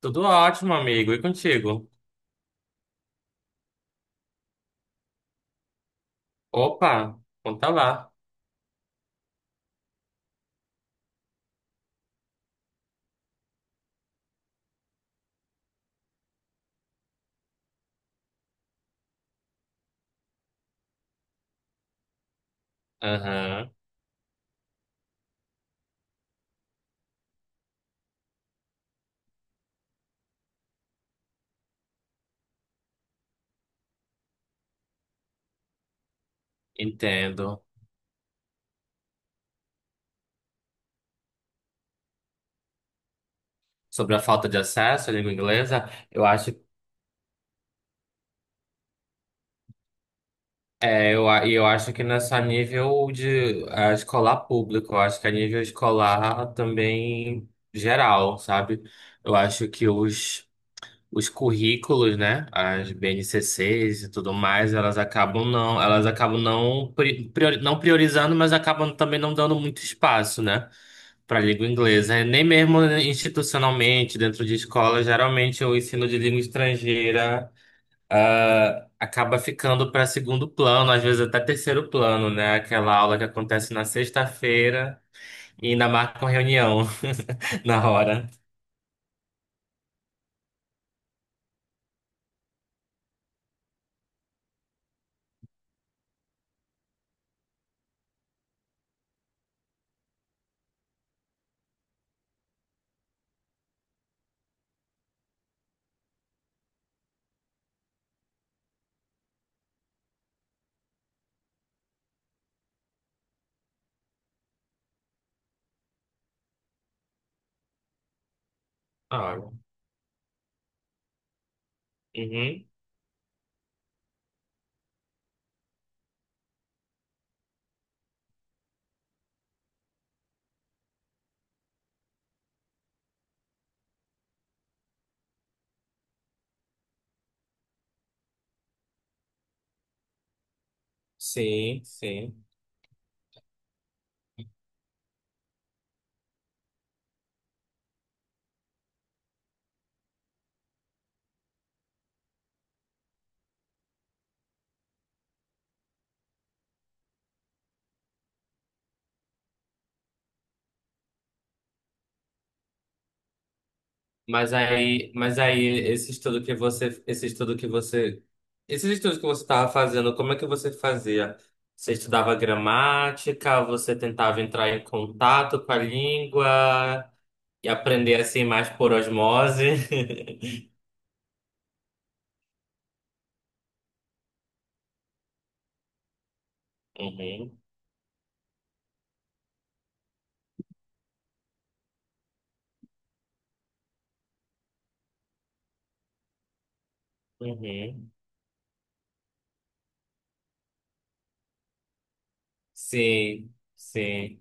Tudo ótimo, amigo. E contigo? Opa, conta lá. Aham, entendo. Sobre a falta de acesso à língua inglesa, eu acho, é, e eu acho que não é só nível de escolar público, eu acho que é nível escolar também geral, sabe? Eu acho que os currículos, né, as BNCCs e tudo mais, elas acabam não não priorizando, mas acabam também não dando muito espaço, né, para a língua inglesa. É, nem mesmo institucionalmente, dentro de escola, geralmente o ensino de língua estrangeira acaba ficando para segundo plano, às vezes até terceiro plano, né, aquela aula que acontece na sexta-feira e ainda marca uma reunião na hora. Ah, uhum. Sim, sim. Mas aí esse esses estudos que você estava fazendo, como é que você fazia? Você estudava gramática, você tentava entrar em contato com a língua e aprender assim mais por osmose? Uhum, uhum. Sim, sim.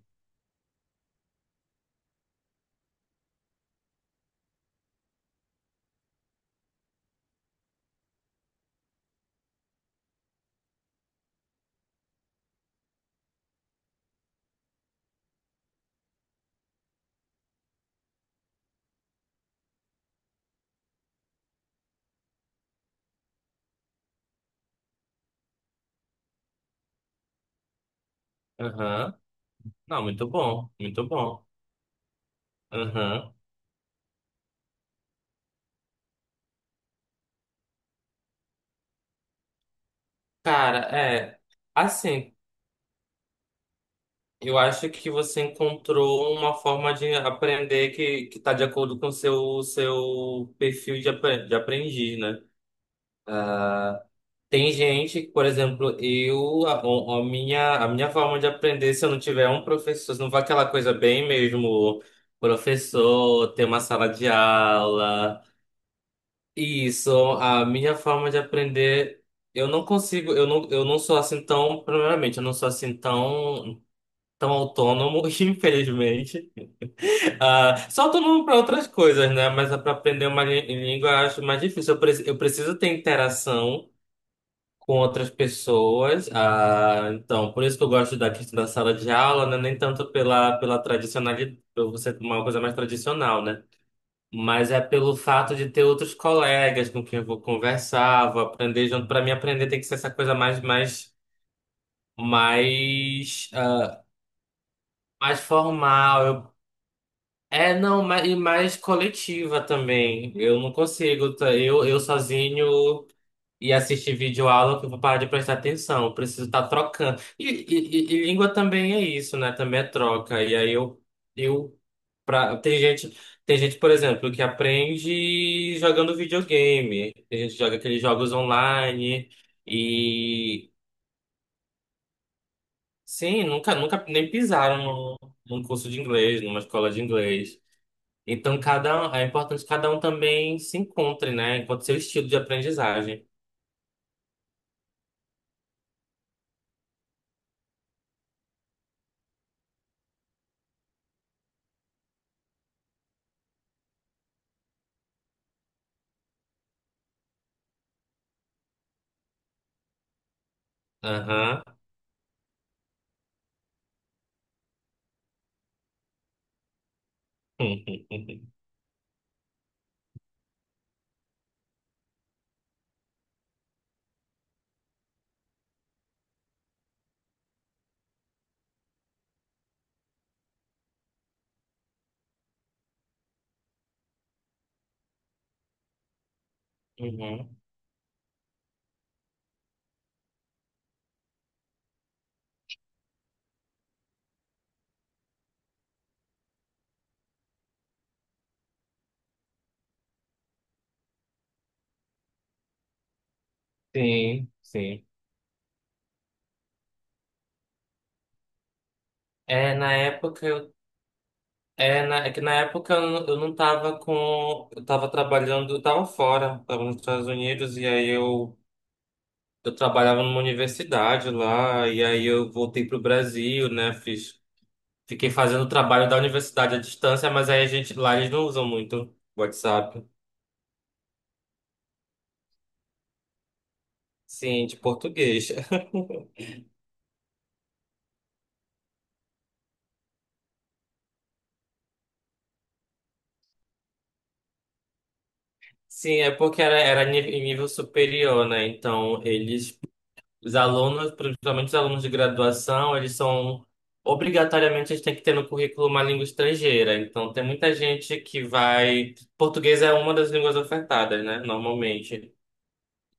Aham. Não, muito bom, muito bom. Aham. Cara, é. Assim, eu acho que você encontrou uma forma de aprender que está de acordo com o seu perfil de, de aprendiz, né? Tem gente que, por exemplo, eu a, o- a minha forma de aprender, se eu não tiver um professor, se não for aquela coisa bem mesmo, professor, ter uma sala de aula, isso, a minha forma de aprender, eu não consigo, eu não sou assim tão, primeiramente, eu não sou assim tão autônomo, infelizmente. Ah, só todo mundo para outras coisas, né? Mas para aprender uma língua eu acho mais difícil. Eu, eu preciso ter interação com outras pessoas. Ah, então, por isso que eu gosto da questão da sala de aula, né? Nem tanto pela tradicionalidade, por ser uma coisa mais tradicional, né? Mas é pelo fato de ter outros colegas com quem eu vou conversar, vou aprender junto. Para mim, aprender tem que ser essa coisa mais, ah, mais formal. É, não, e mais coletiva também. Eu não consigo, tá? Eu sozinho e assistir vídeo aula que eu vou parar de prestar atenção. Eu preciso estar trocando. E língua também é isso, né? Também é troca. E aí eu pra, tem gente, por exemplo, que aprende jogando videogame. Tem gente que joga aqueles jogos online. E sim, nunca nem pisaram num curso de inglês, numa escola de inglês. Então, é importante que cada um também se encontre, né? Encontre seu estilo de aprendizagem. Aham. Uhum. Sim, sim. É, na época eu. É, é que na época eu, eu não tava com. Eu tava trabalhando, eu tava fora, tava nos Estados Unidos, eu trabalhava numa universidade lá, e aí eu voltei pro Brasil, né? Fiz, fiquei fazendo o trabalho da universidade à distância, mas aí a gente, lá eles não usam muito WhatsApp. Sim, de português. Sim, é porque era em nível superior, né? Então, eles, os alunos, principalmente os alunos de graduação, eles são, obrigatoriamente, eles têm que ter no currículo uma língua estrangeira. Então, tem muita gente que vai. Português é uma das línguas ofertadas, né? Normalmente.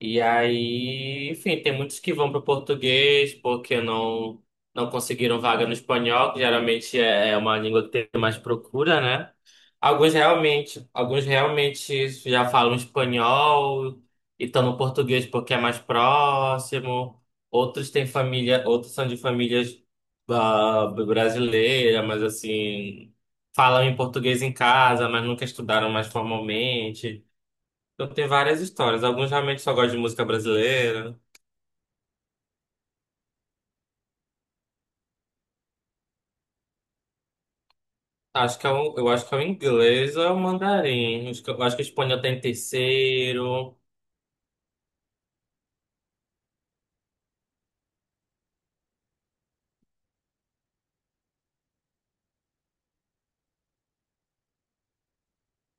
E aí, enfim, tem muitos que vão para o português porque não conseguiram vaga no espanhol, que geralmente é uma língua que tem mais procura, né? Alguns realmente já falam espanhol e estão no português porque é mais próximo. Outros têm família, outros são de famílias brasileiras, mas assim, falam em português em casa, mas nunca estudaram mais formalmente. Eu tenho várias histórias. Alguns realmente só gostam de música brasileira. Acho que é o, eu acho que é o inglês ou é o mandarim. Acho que, eu acho que o espanhol tem terceiro.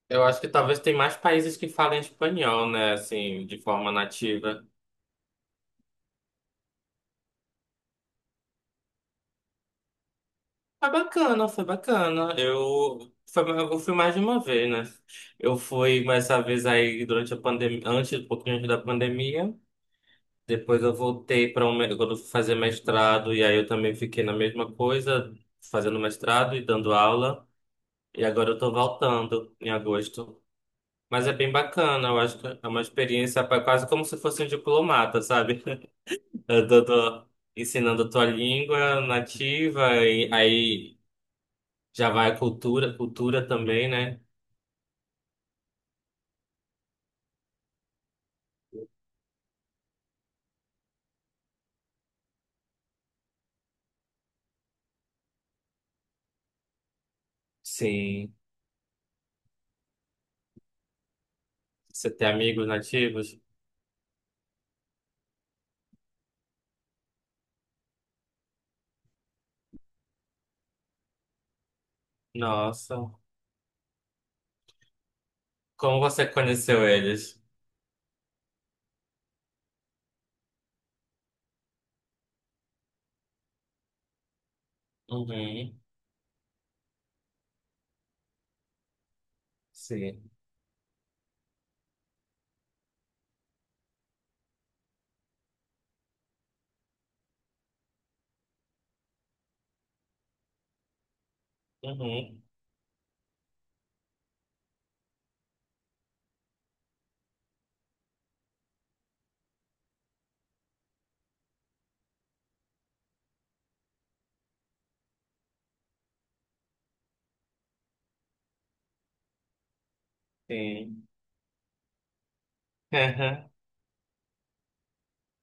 Eu acho que talvez tem mais países que falem espanhol, né? Assim, de forma nativa. Foi bacana, foi bacana. Eu, foi, eu fui mais de uma vez, né? Eu fui mais essa vez aí durante a pandemia, antes, um pouquinho antes da pandemia. Depois eu voltei para um, quando eu fui fazer mestrado, e aí eu também fiquei na mesma coisa, fazendo mestrado e dando aula. E agora eu tô voltando em agosto. Mas é bem bacana, eu acho que é uma experiência quase como se fosse um diplomata, sabe? Eu tô ensinando a tua língua nativa, e aí já vai a cultura, cultura também, né? Sim. Você tem amigos nativos? Nossa. Como você conheceu eles? Uhum. Sim. Uhum. Sim.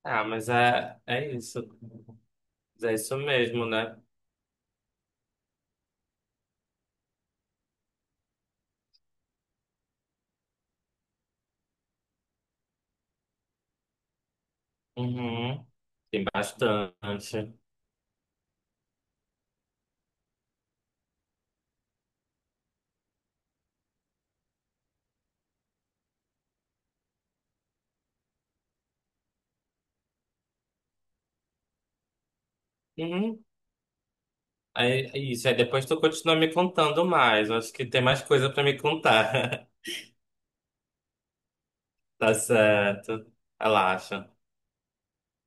Ah, mas é, é isso. Mas é isso mesmo, né? Uhum. Tem bastante. Uhum. Aí, é isso, aí depois tu continua me contando mais. Eu acho que tem mais coisa pra me contar. Tá certo. Relaxa.